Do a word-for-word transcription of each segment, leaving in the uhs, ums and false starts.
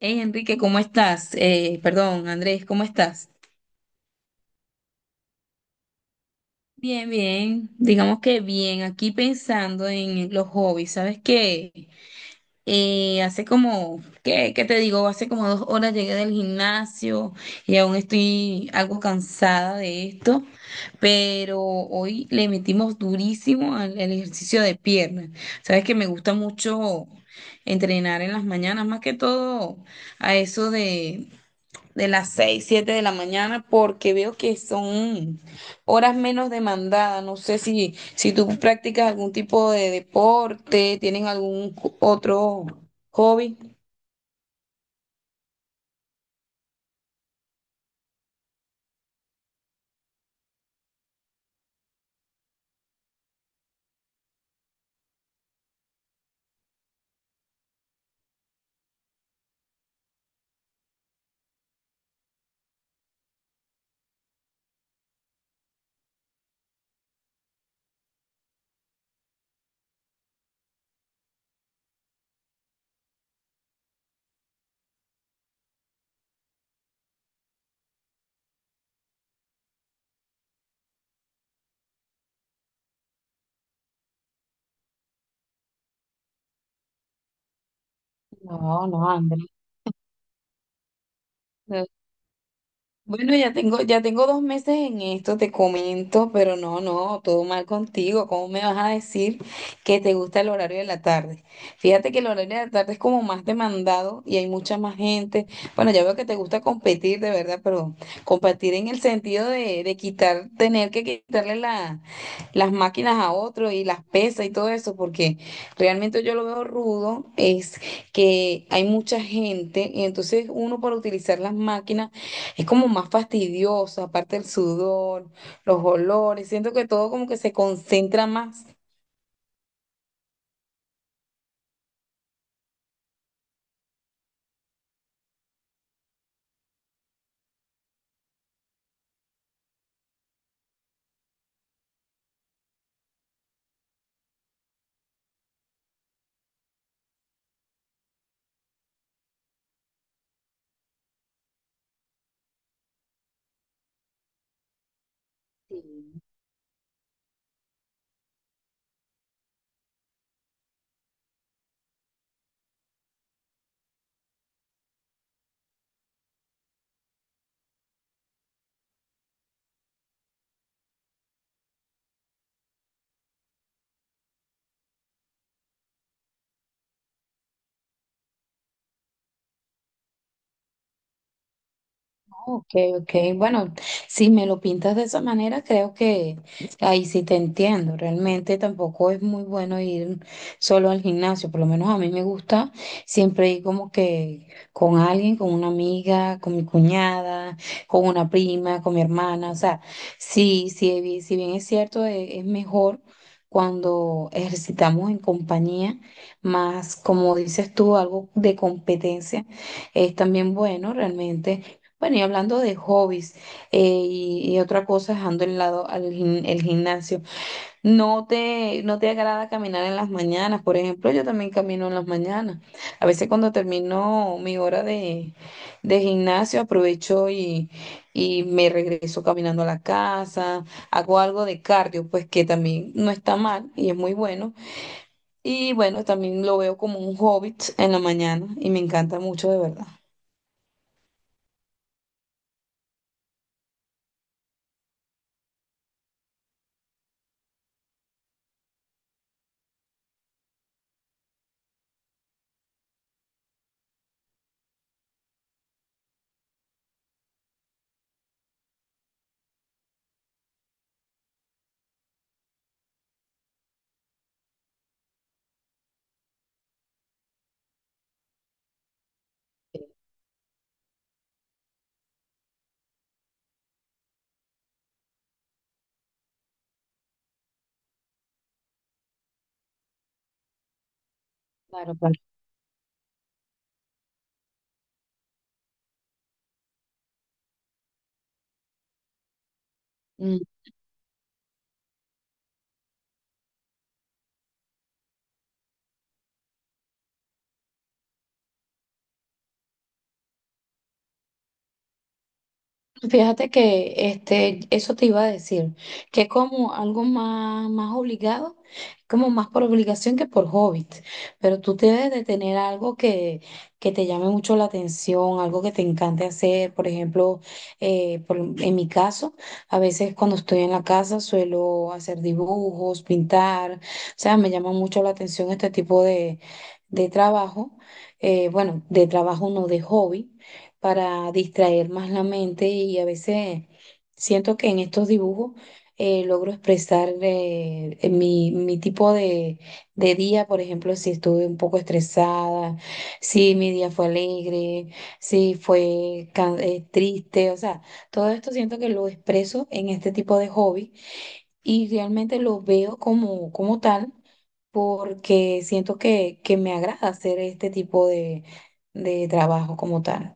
Hey Enrique, ¿cómo estás? Eh, perdón, Andrés, ¿cómo estás? Bien, bien, digamos que bien, aquí pensando en los hobbies, ¿sabes qué? Eh, hace como, ¿qué, qué te digo? Hace como dos horas llegué del gimnasio y aún estoy algo cansada de esto, pero hoy le metimos durísimo al, al ejercicio de piernas. ¿Sabes que me gusta mucho entrenar en las mañanas, más que todo a eso de las seis siete de la mañana, porque veo que son horas menos demandadas? No sé si, si tú practicas algún tipo de deporte, tienen algún otro hobby. No, no, Andrés. Bueno, ya tengo, ya tengo dos meses en esto, te comento, pero no, no, todo mal contigo. ¿Cómo me vas a decir que te gusta el horario de la tarde? Fíjate que el horario de la tarde es como más demandado y hay mucha más gente. Bueno, ya veo que te gusta competir, de verdad, pero competir en el sentido de, de quitar, tener que quitarle la, las máquinas a otro y las pesas y todo eso, porque realmente yo lo veo rudo, es que hay mucha gente y entonces uno para utilizar las máquinas es como más fastidioso, aparte el sudor, los olores, siento que todo como que se concentra más. Sí. Ok, ok. Bueno, si me lo pintas de esa manera, creo que ahí sí te entiendo. Realmente tampoco es muy bueno ir solo al gimnasio. Por lo menos a mí me gusta siempre ir como que con alguien, con una amiga, con mi cuñada, con una prima, con mi hermana. O sea, sí, sí, vi- si bien es cierto, e- es mejor cuando ejercitamos en compañía, más como dices tú, algo de competencia es también bueno realmente. Bueno, y hablando de hobbies eh, y, y otra cosa, dejando el lado al gim- el gimnasio, ¿no te, no te agrada caminar en las mañanas? Por ejemplo, yo también camino en las mañanas. A veces cuando termino mi hora de, de gimnasio, aprovecho y, y me regreso caminando a la casa, hago algo de cardio, pues que también no está mal y es muy bueno. Y bueno, también lo veo como un hobby en la mañana y me encanta mucho de verdad. Claro, claro. Fíjate que este, eso te iba a decir, que es como algo más, más obligado, como más por obligación que por hobby, pero tú debes de tener algo que, que te llame mucho la atención, algo que te encante hacer. Por ejemplo, eh, por- en mi caso, a veces cuando estoy en la casa suelo hacer dibujos, pintar, o sea, me llama mucho la atención este tipo de, de trabajo, eh, bueno, de trabajo no, de hobby, para distraer más la mente, y a veces siento que en estos dibujos eh, logro expresar eh, eh, mi, mi tipo de, de día. Por ejemplo, si estuve un poco estresada, si mi día fue alegre, si fue can- eh, triste, o sea, todo esto siento que lo expreso en este tipo de hobby y realmente lo veo como, como tal, porque siento que, que me agrada hacer este tipo de, de trabajo como tal.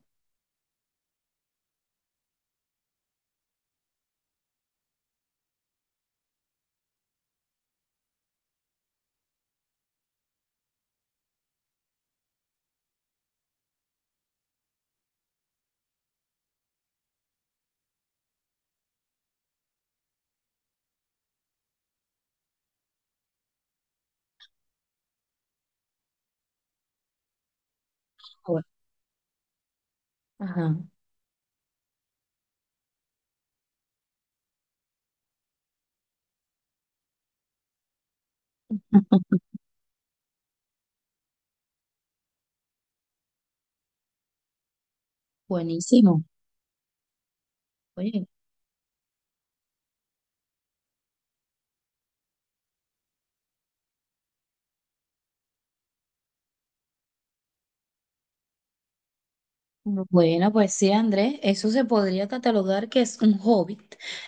Ajá. Buenísimo. Oye. Bueno, pues sí, Andrés, eso se podría catalogar que es un hobby,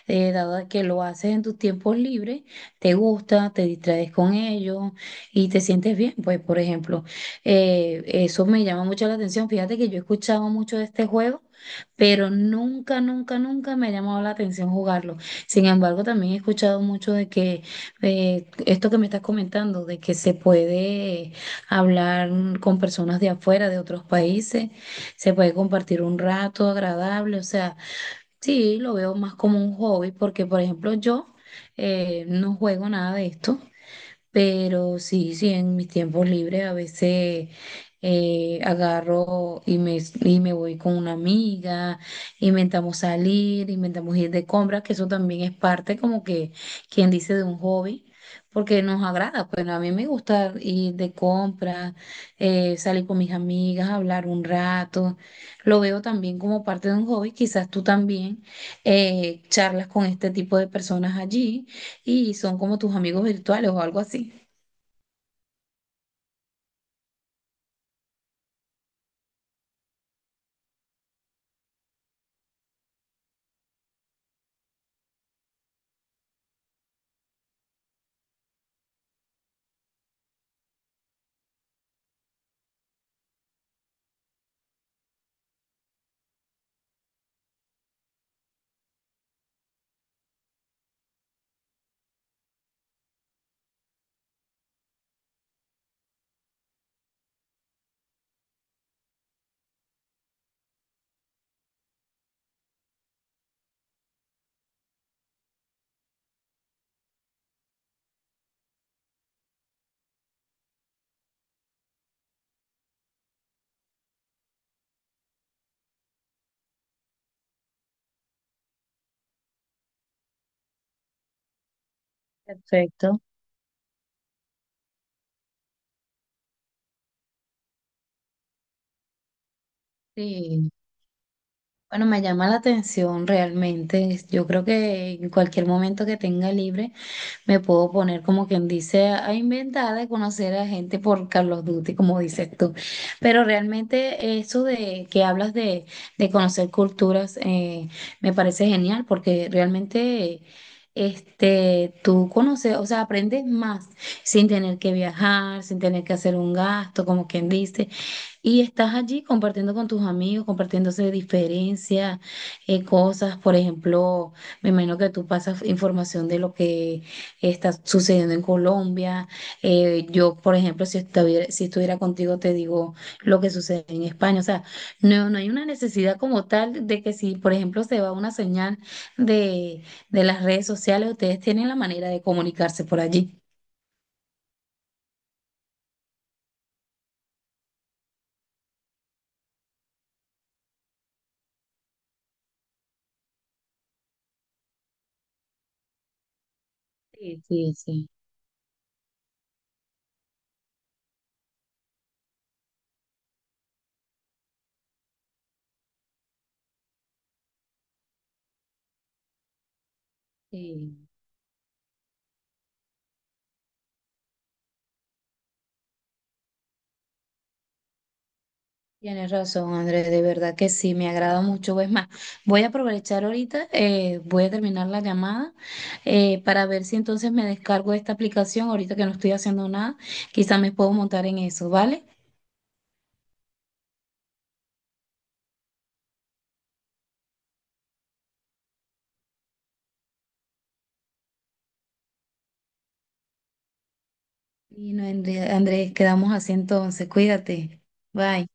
eh, dado que lo haces en tus tiempos libres, te gusta, te distraes con ello y te sientes bien. Pues, por ejemplo, eh, eso me llama mucho la atención. Fíjate que yo he escuchado mucho de este juego, pero nunca, nunca, nunca me ha llamado la atención jugarlo. Sin embargo, también he escuchado mucho de que eh, esto que me estás comentando, de que se puede hablar con personas de afuera, de otros países, se puede compartir un rato agradable. O sea, sí, lo veo más como un hobby porque, por ejemplo, yo eh, no juego nada de esto, pero sí, sí, en mis tiempos libres a veces eh, agarro y me, y me voy con una amiga, inventamos salir, inventamos ir de compras, que eso también es parte como que, quien dice, de un hobby, porque nos agrada. Bueno, a mí me gusta ir de compras, eh, salir con mis amigas, hablar un rato. Lo veo también como parte de un hobby. Quizás tú también eh, charlas con este tipo de personas allí y son como tus amigos virtuales o algo así. Perfecto. Sí. Bueno, me llama la atención realmente. Yo creo que en cualquier momento que tenga libre me puedo poner como quien dice a a inventar, de conocer a gente por Carlos Duty, como dices tú. Pero realmente eso de que hablas de, de conocer culturas eh, me parece genial porque realmente este, tú conoces, o sea, aprendes más sin tener que viajar, sin tener que hacer un gasto, como quien dice. Y estás allí compartiendo con tus amigos, compartiéndose diferencias, eh, cosas. Por ejemplo, me imagino que tú pasas información de lo que está sucediendo en Colombia. Eh, yo, por ejemplo, si estuviera, si estuviera contigo, te digo lo que sucede en España. O sea, no, no hay una necesidad como tal de que si, por ejemplo, se va una señal de, de las redes sociales, ustedes tienen la manera de comunicarse por allí. Sí, sí, sí. Sí. Tienes razón, Andrés, de verdad que sí, me agrada mucho. Es más, voy a aprovechar ahorita, eh, voy a terminar la llamada eh, para ver si entonces me descargo esta aplicación, ahorita que no estoy haciendo nada, quizá me puedo montar en eso, ¿vale? Y no, Andrés, quedamos así entonces, cuídate. Bye.